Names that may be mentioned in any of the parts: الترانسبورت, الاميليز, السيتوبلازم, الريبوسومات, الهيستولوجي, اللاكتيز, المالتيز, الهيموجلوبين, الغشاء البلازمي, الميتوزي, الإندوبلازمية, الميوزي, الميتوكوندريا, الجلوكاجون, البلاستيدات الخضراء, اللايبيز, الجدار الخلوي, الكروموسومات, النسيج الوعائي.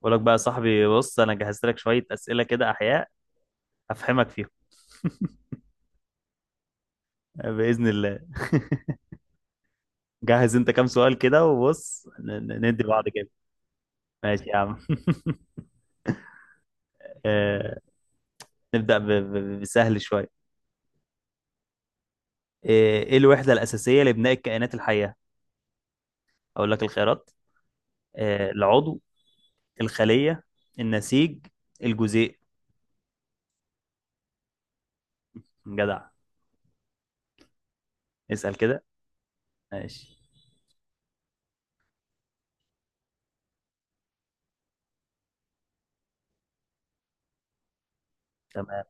بقول لك بقى يا صاحبي، بص انا جهزت لك شويه اسئله كده احياء افهمك فيهم باذن الله. جهز انت كام سؤال كده وبص ندي بعض كده. ماشي يا عم. آه، نبدا بسهل شويه. ايه الوحده الاساسيه لبناء الكائنات الحيه؟ اقول لك الخيارات: العضو، الخليه، النسيج، الجزيء. جدع. اسال كده. ماشي. تمام.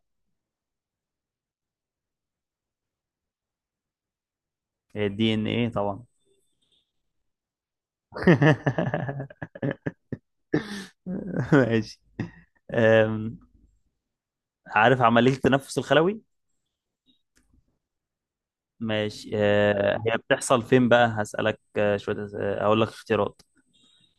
الدي ان ايه طبعا. ماشي. أم، عارف عملية التنفس الخلوي؟ ماشي، هي بتحصل فين بقى؟ هسألك، آه، شوية أس- آه، أقول لك اختيارات.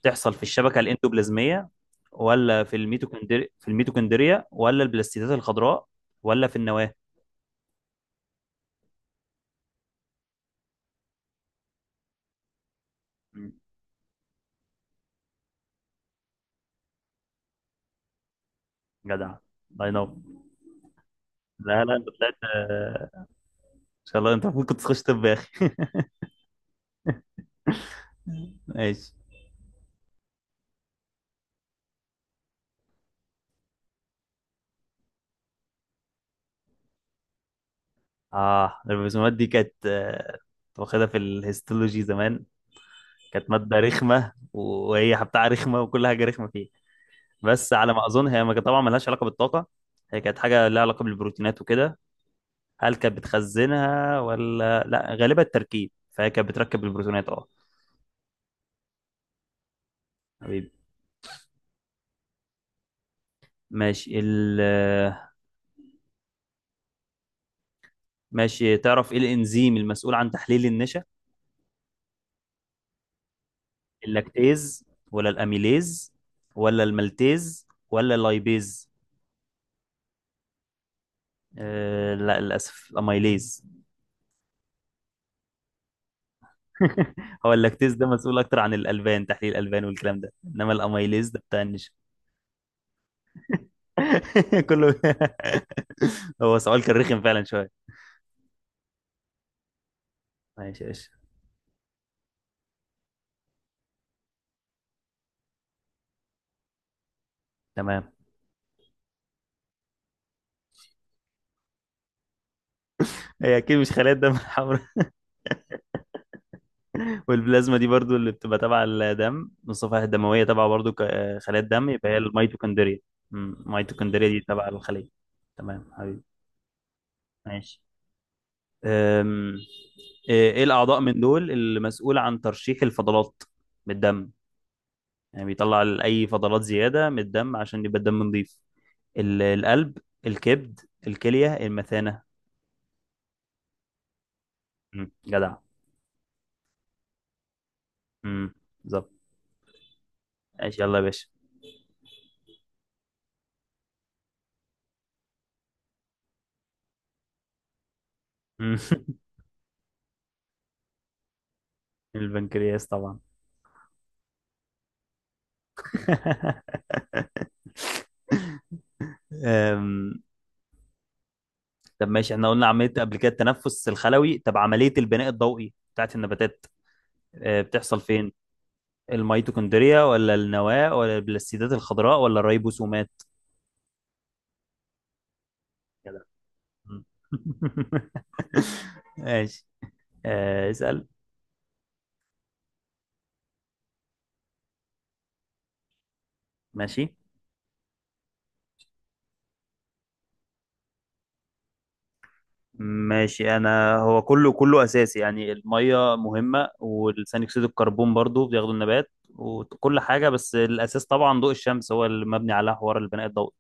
بتحصل في الشبكة الإندوبلازمية ولا في الميتوكوندريا ولا البلاستيدات الخضراء ولا في النواة؟ مم. جدع. الله ينور. لا لا، انت طلعت، ان شاء الله انت المفروض كنت تخش طب يا اخي. ماشي. اه الرسومات دي كانت، كنت واخدها في الهيستولوجي زمان. كانت مادة رخمة، وهي بتاع رخمة وكل حاجة رخمة فيها. بس على ما اظن هي طبعا ملهاش علاقه بالطاقه. هي كانت حاجه لها علاقه بالبروتينات وكده. هل كانت بتخزنها ولا لا؟ غالبا التركيب، فهي كانت بتركب البروتينات اه. حبيبي. ماشي ال ماشي، تعرف ايه الانزيم المسؤول عن تحليل النشا؟ اللاكتيز ولا الاميليز ولا المالتيز ولا اللايبيز؟ أه لا، للاسف الاميليز. هو اللاكتيز ده مسؤول اكتر عن الالبان، تحليل الالبان والكلام ده، انما الاميليز ده بتاع النشا. كله. هو سؤال كان رخم فعلا شويه. ماشي ماشي. تمام. هي اكيد مش خلايا الدم الحمراء. والبلازما دي برضو اللي بتبقى تبع الدم، الصفائح الدمويه تبع برضو خلايا الدم، يبقى هي الميتوكوندريا. أمم، الميتوكوندريا دي تبع الخليه. تمام حبيبي. ماشي. أم، إيه الاعضاء من دول المسؤول عن ترشيح الفضلات من الدم؟ يعني بيطلع اي فضلات زياده من الدم عشان يبقى الدم نظيف. القلب، الكبد، الكليه، المثانه. مم. جدع. مم. بالظبط. ماشي يلا يا باشا. مم. البنكرياس طبعا. أم، طب ماشي، احنا قلنا عملية قبل كده التنفس الخلوي، طب عملية البناء الضوئي بتاعت النباتات بتحصل فين؟ الميتوكوندريا ولا النواة ولا البلاستيدات الخضراء ولا الريبوسومات؟ كده. مم. ماشي. أه، اسأل. ماشي ماشي، انا هو كله كله اساسي يعني، الميه مهمه والثاني اكسيد الكربون برضو بياخده النبات وكل حاجه، بس الاساس طبعا ضوء الشمس هو اللي مبني على حوار البناء الضوئي.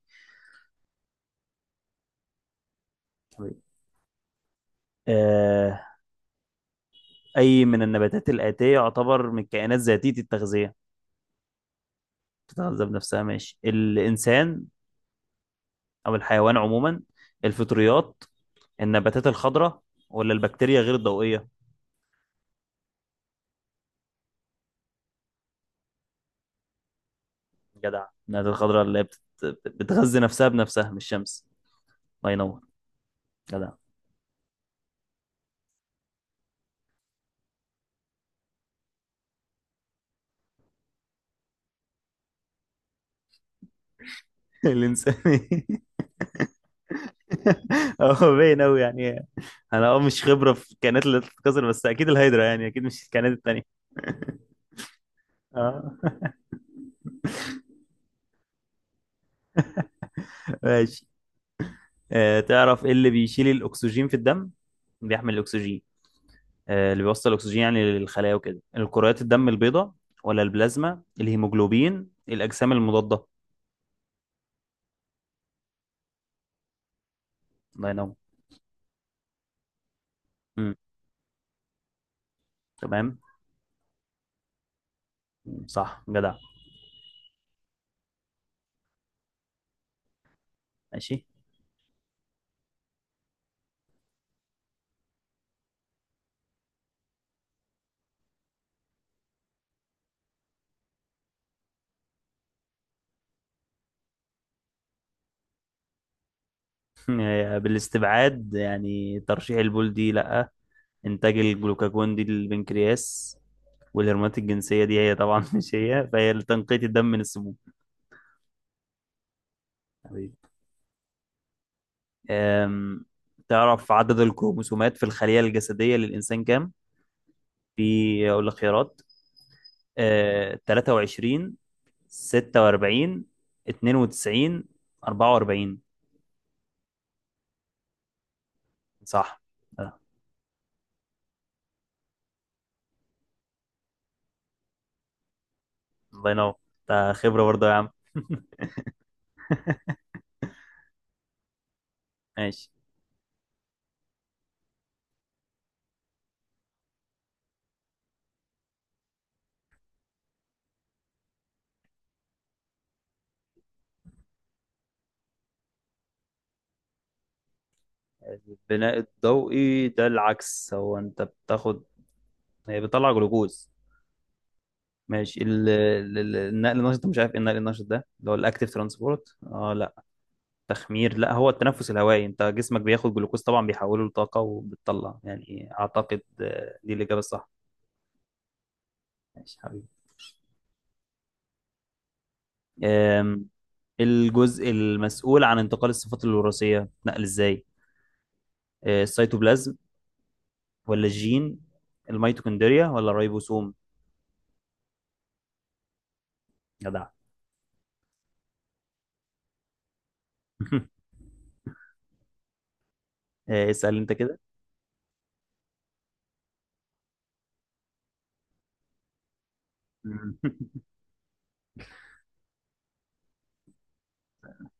طيب. آه، اي من النباتات الاتيه يعتبر من الكائنات ذاتيه التغذيه؟ بتتغذى بنفسها. ماشي، الانسان او الحيوان عموما، الفطريات، النباتات الخضراء، ولا البكتيريا غير الضوئيه؟ جدع، النباتات الخضراء اللي هي بتغذي نفسها بنفسها، مش الشمس. الله ينور. جدع. الانساني. هو باين قوي يعني، انا اه مش خبره في الكائنات اللي بتتكسر بس اكيد الهيدرا يعني، اكيد مش الكائنات التانيه. اه. ماشي. آه، تعرف ايه اللي بيشيل الاكسجين في الدم؟ بيحمل الاكسجين، آه اللي بيوصل الاكسجين يعني للخلايا وكده. الكريات الدم البيضاء ولا البلازما، الهيموجلوبين، الاجسام المضاده؟ الله ينور. مم، تمام. مم، صح جدع. ماشي. آه، بالاستبعاد يعني ترشيح البول دي لا، انتاج الجلوكاجون دي للبنكرياس، والهرمونات الجنسية دي هي طبعا مش هي، فهي لتنقية الدم من السموم. حبيبي. أم، تعرف عدد الكروموسومات في الخلية الجسدية للإنسان كام؟ في أقول لك خيارات: 23، 46، 92، 44؟ صح. أه، الله ينور، ده خبرة برضه يا عم. ماشي. البناء الضوئي ده العكس، هو انت بتاخد، هي بتطلع جلوكوز. ماشي، النقل النشط ده مش عارف ايه النقل النشط ده، اللي هو الاكتيف ترانسبورت اه لا. تخمير لا، هو التنفس الهوائي، انت جسمك بياخد جلوكوز طبعا، بيحوله لطاقة وبتطلع، يعني اعتقد دي الإجابة الصح. ماشي حبيبي. آم، الجزء المسؤول عن انتقال الصفات الوراثية، نقل ازاي؟ السيتوبلازم ولا الجين، الميتوكوندريا ولا الريبوسوم؟ جدع. اسأل انت كده.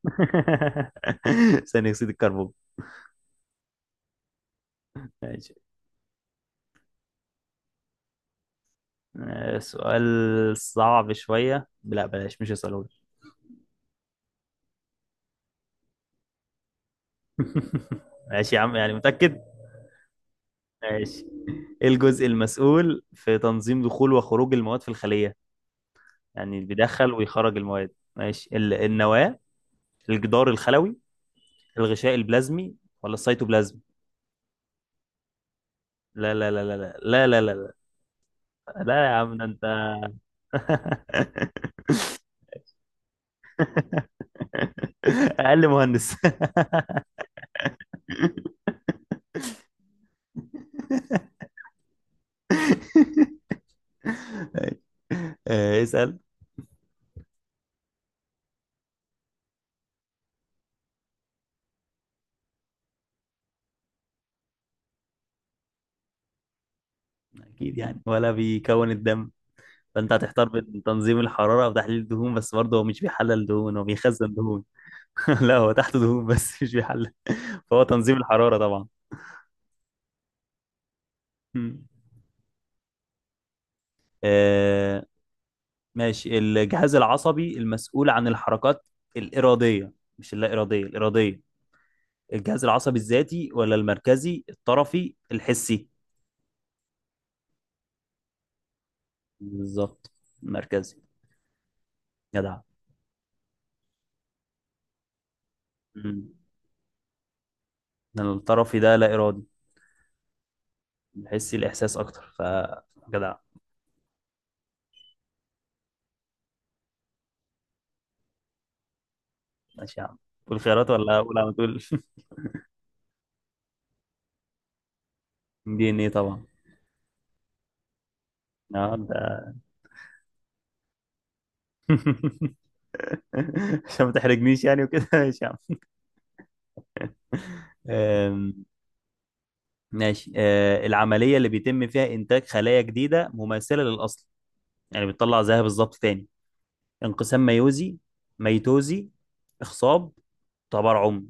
ثاني اكسيد الكربون. ماشي. سؤال صعب شوية، لا بلاش مش هسأله لك. ماشي يا عم يعني متأكد. ماشي. ايه الجزء المسؤول في تنظيم دخول وخروج المواد في الخلية؟ يعني اللي بيدخل ويخرج المواد. ماشي، النواة، الجدار الخلوي، الغشاء البلازمي، ولا السيتوبلازم؟ لا لا لا لا، لا لا لا لا، لا لا يا عم ده انت. اقل مهندس. اسأل. أكيد يعني ولا بيكون الدم، فأنت هتحتار بين تنظيم الحرارة وتحليل الدهون، بس برضه هو مش بيحلل دهون، هو بيخزن دهون. لا هو تحت دهون بس مش بيحلل، فهو تنظيم الحرارة طبعا. مم. آه، ماشي. الجهاز العصبي المسؤول عن الحركات الإرادية، مش اللا إرادية، الإرادية. الجهاز العصبي الذاتي ولا المركزي، الطرفي، الحسي؟ بالظبط، المركزي. جدع. مم. الطرفي ده لا إرادي، بحس الإحساس أكتر، فجدع. ماشي يا عم، تقول خيارات ولا أقول على طول؟ دي إن إيه طبعا. ده. عشان ما تحرجنيش يعني وكده. ماشي يا عم. آم، ماشي. العملية اللي بيتم فيها إنتاج خلايا جديدة مماثلة للأصل، يعني بتطلع زيها بالظبط تاني. انقسام ميوزي، ميتوزي، إخصاب، تبرعم؟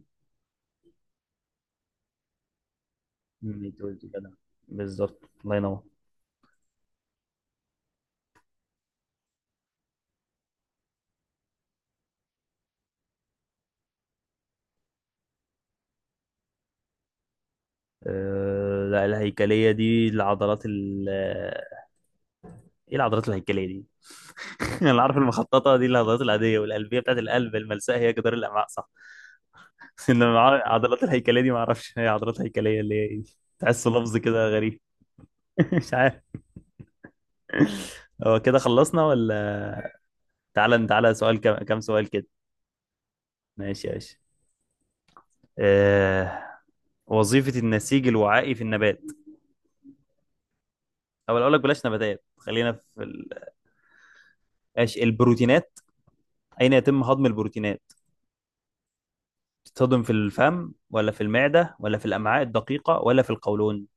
ميتوزي كده. بالظبط الله ينور. لا الهيكلية دي العضلات، ايه العضلات الهيكليه دي؟ انا عارف المخططه دي العضلات العاديه، والقلبيه بتاعت القلب، الملساء هي جدار الامعاء صح. انما عضلات الهيكليه دي ما اعرفش هي عضلات هيكليه اللي هي ايه. تحسه لفظ كده غريب. مش عارف. هو كده خلصنا ولا؟ تعالى تعالى، سؤال كم سؤال كده. ماشي يا باشا. آه... وظيفه النسيج الوعائي في النبات، او اقول لك بلاش نباتات، خلينا في ال... ماشي، البروتينات. اين يتم هضم البروتينات؟ تتهضم في الفم ولا في المعده ولا في الامعاء الدقيقه ولا في القولون؟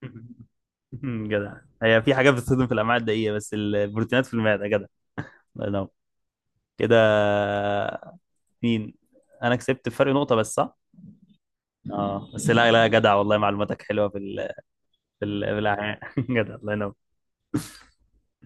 جدع. هي في حاجات بتصدم في الامعاء الدقيقه بس البروتينات في المعده. جدع، الله ينور. كده، مين؟ انا كسبت فرق نقطه بس. صح اه بس، لا لا جدع والله معلوماتك حلوه في ال... في ال... في الأمعاء. جدع الله ينور.